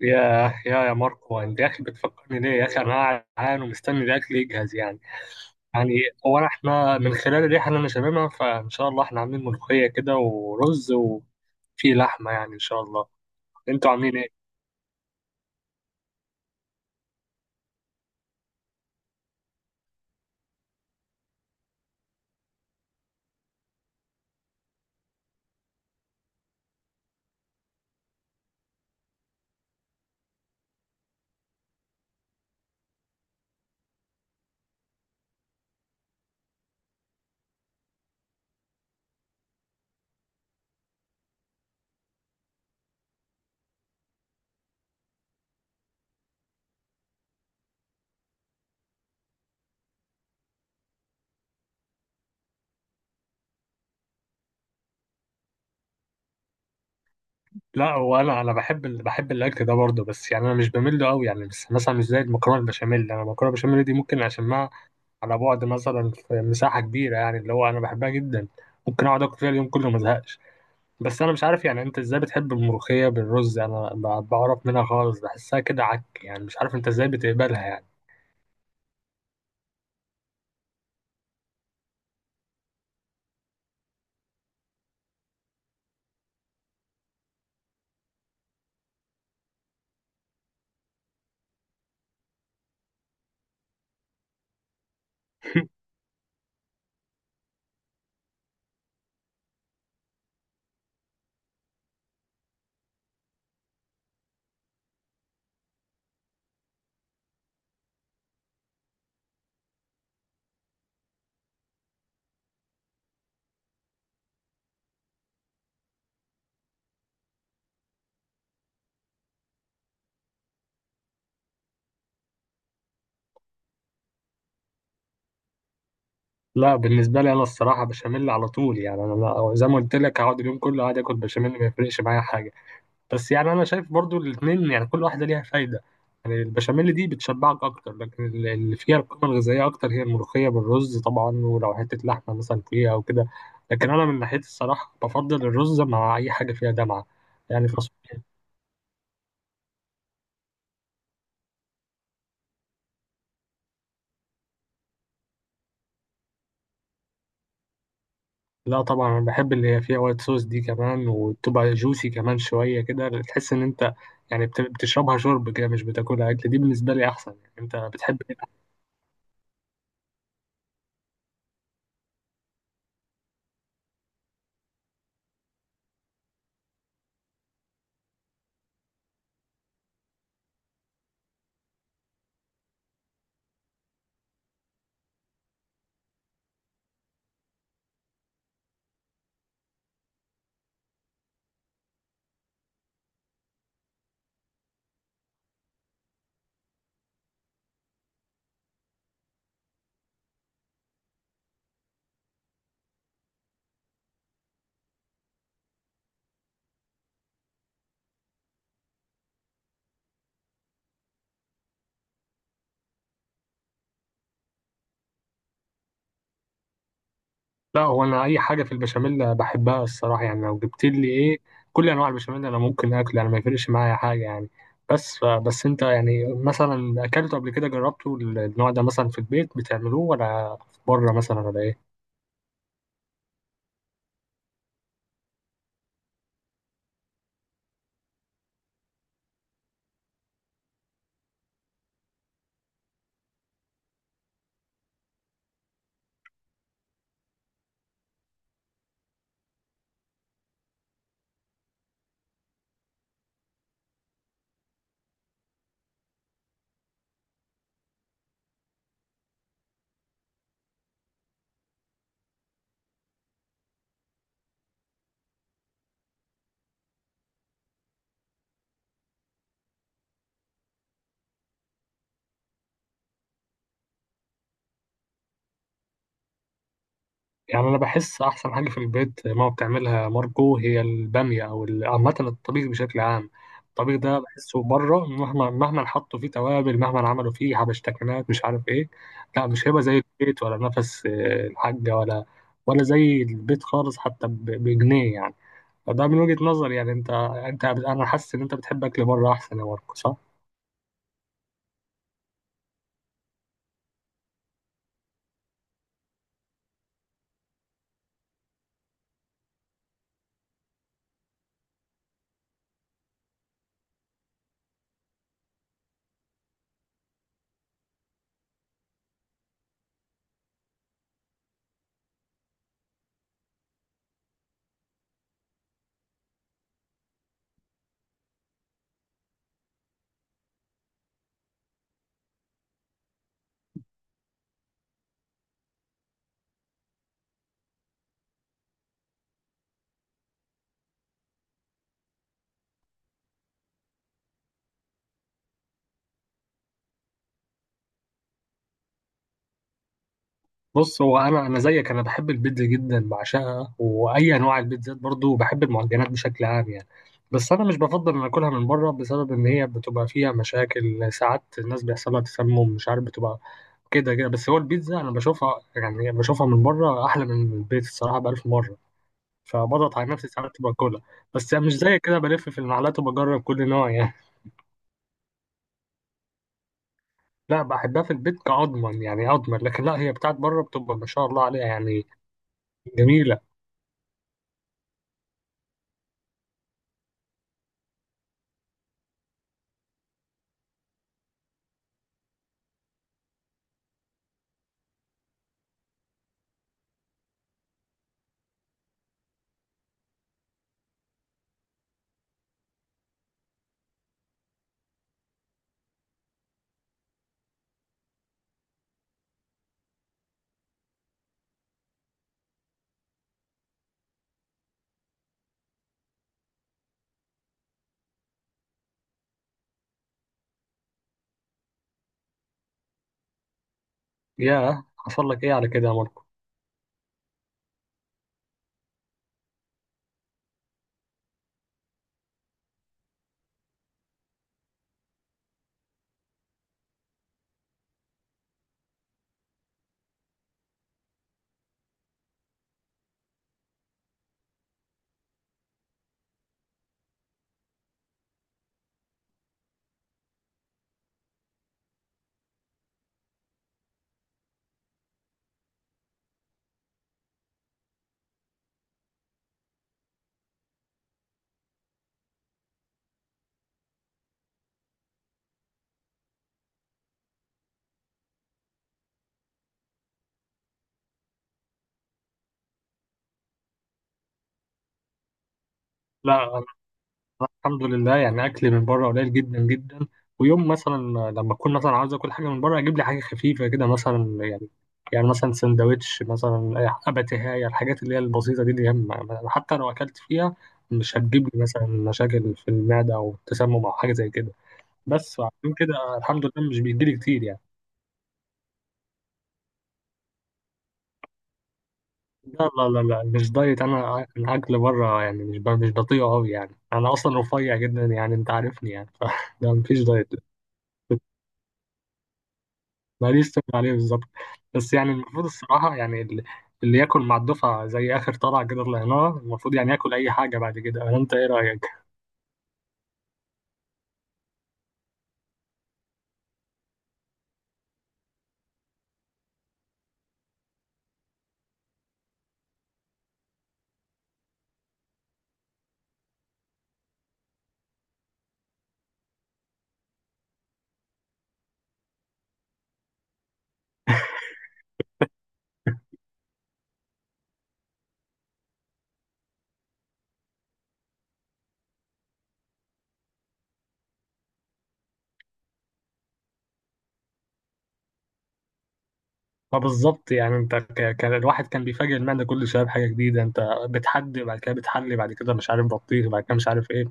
يا يا ماركو، انت يا اخي بتفكرني ليه يا اخي؟ انا قاعد جعان ومستني الاكل يجهز يعني. يعني هو احنا من خلال الريحه اللي انا شاممها فان شاء الله احنا عاملين ملوخيه كده ورز وفي لحمه يعني ان شاء الله. انتوا عاملين ايه؟ لا هو انا بحب بحب الاكل ده برضه، بس يعني انا مش بميل له قوي يعني. بس مثلا مش زي المكرونه البشاميل، انا المكرونه البشاميل دي ممكن اشمها على بعد مثلا في مساحه كبيره، يعني اللي هو انا بحبها جدا. ممكن اقعد اكل فيها اليوم كله ما ازهقش. بس انا مش عارف يعني انت ازاي بتحب الملوخية بالرز؟ انا بعرف منها خالص، بحسها كده عك يعني. مش عارف انت ازاي بتقبلها يعني. لا بالنسبة لي انا الصراحة بشاميل على طول يعني. انا زي ما قلت لك هقعد اليوم كله قاعد اكل بشاميل ما يفرقش معايا حاجة. بس يعني انا شايف برضو الاتنين يعني كل واحدة ليها فايدة. يعني البشاميل دي بتشبعك اكتر، لكن اللي فيها القيمة الغذائية اكتر هي الملوخية بالرز طبعا، ولو حتة لحمة مثلا فيها او كده. لكن انا من ناحيتي الصراحة بفضل الرز مع اي حاجة فيها دمعة، يعني فاصوليا. لا طبعا انا بحب اللي هي فيها وايت صوص دي كمان، وتبقى جوسي كمان شويه كده، تحس ان انت يعني بتشربها شرب كده، مش بتاكلها اكل. دي بالنسبه لي احسن. يعني انت بتحب إيه؟ لا هو انا اي حاجه في البشاميل بحبها الصراحه، يعني لو جبت لي ايه كل انواع البشاميل انا ممكن اكل، يعني ما يفرقش معايا حاجه يعني. بس انت يعني مثلا اكلته قبل كده؟ جربته النوع ده مثلا؟ في البيت بتعملوه ولا بره مثلا ولا ايه؟ يعني انا بحس احسن حاجه في البيت ماما بتعملها ماركو هي الباميه، او عامه الطبيخ بشكل عام. الطبيخ ده بحسه بره مهما حطوا فيه توابل، مهما عملوا فيه حبشتكنات مش عارف ايه، لا مش هيبقى زي البيت ولا نفس الحاجه، ولا ولا زي البيت خالص حتى بجنيه يعني. فده من وجهه نظري يعني. انت انا حاسس ان انت بتحب اكل بره احسن يا ماركو، صح؟ بص هو انا زيك، انا بحب البيتزا جدا، بعشقها، واي انواع البيتزات برضو، بحب المعجنات بشكل عام يعني. بس انا مش بفضل ان اكلها من بره، بسبب ان هي بتبقى فيها مشاكل ساعات، الناس بيحصلها تسمم مش عارف، بتبقى كده كده. بس هو البيتزا انا بشوفها يعني بشوفها من بره احلى من البيت الصراحه بألف مره، فبضغط على نفسي ساعات باكلها. بس مش زي كده بلف في المحلات وبجرب كل نوع يعني. لا بحبها في البيت كأضمن يعني، أضمن. لكن لا، هي بتاعت بره بتبقى ما شاء الله عليها يعني، جميلة. يا حصل لك ايه على كده يا ماركو؟ لا الحمد لله يعني اكل من بره قليل جدا جدا. ويوم مثلا لما اكون مثلا عاوز اكل حاجه من بره، اجيب لي حاجه خفيفه كده مثلا، يعني يعني مثلا سندوتش مثلا، اباتيهايه، الحاجات اللي هي البسيطه دي، دي حتى لو اكلت فيها مش هتجيب لي مثلا مشاكل في المعده او تسمم او حاجه زي كده. بس عشان كده الحمد لله مش بيجيلي كتير يعني. لا مش دايت، انا الاكل بره يعني مش بطيء قوي يعني. انا اصلا رفيع جدا يعني انت عارفني يعني. فده مفيش دايت. ماليش تقول عليه بالظبط. بس يعني المفروض الصراحه يعني اللي ياكل مع الدفعه زي اخر طلعه كده طلعناها المفروض يعني ياكل اي حاجه بعد كده، ولا انت ايه رايك؟ ما بالظبط يعني. انت كان الواحد كان بيفاجئ المعده كل شويه بحاجه جديده، انت بتحدي بعد كده، بتحلي بعد كده مش عارف، بطيخ بعد كده مش عارف ايه.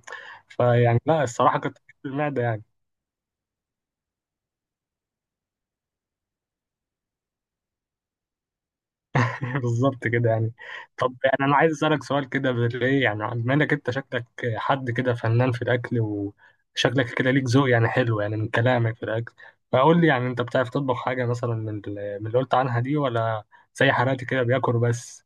فيعني لا الصراحه كنت، المعده يعني. بالظبط كده يعني. طب يعني انا عايز اسالك سؤال كده بالايه، يعني بما انك انت شكلك حد كده فنان في الاكل، وشكلك كده ليك ذوق يعني حلو يعني من كلامك في الاكل. فقول لي يعني انت بتعرف تطبخ حاجه مثلا من من اللي قلت عنها دي، ولا زي حالاتي كده بياكل بس؟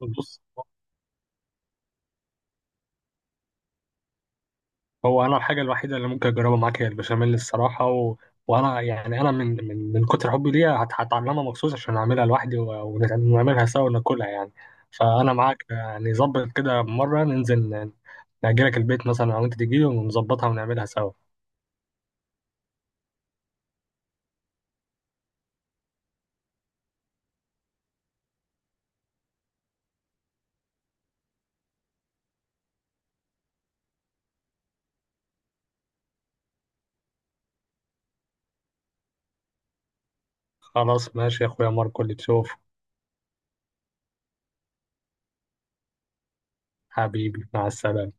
بص هو انا الحاجه الوحيده اللي ممكن اجربها معاك هي البشاميل الصراحه، وانا يعني انا من من كتر حبي ليها هتعلمها مخصوص عشان اعملها لوحدي، ونعملها سوا وناكلها يعني. فانا معاك يعني، ظبط كده مره ننزل، نأجلك البيت مثلا او انت تجيلي ونظبطها ونعملها سوا. خلاص ماشي يا اخويا ماركو، اللي تشوف. حبيبي مع السلامه.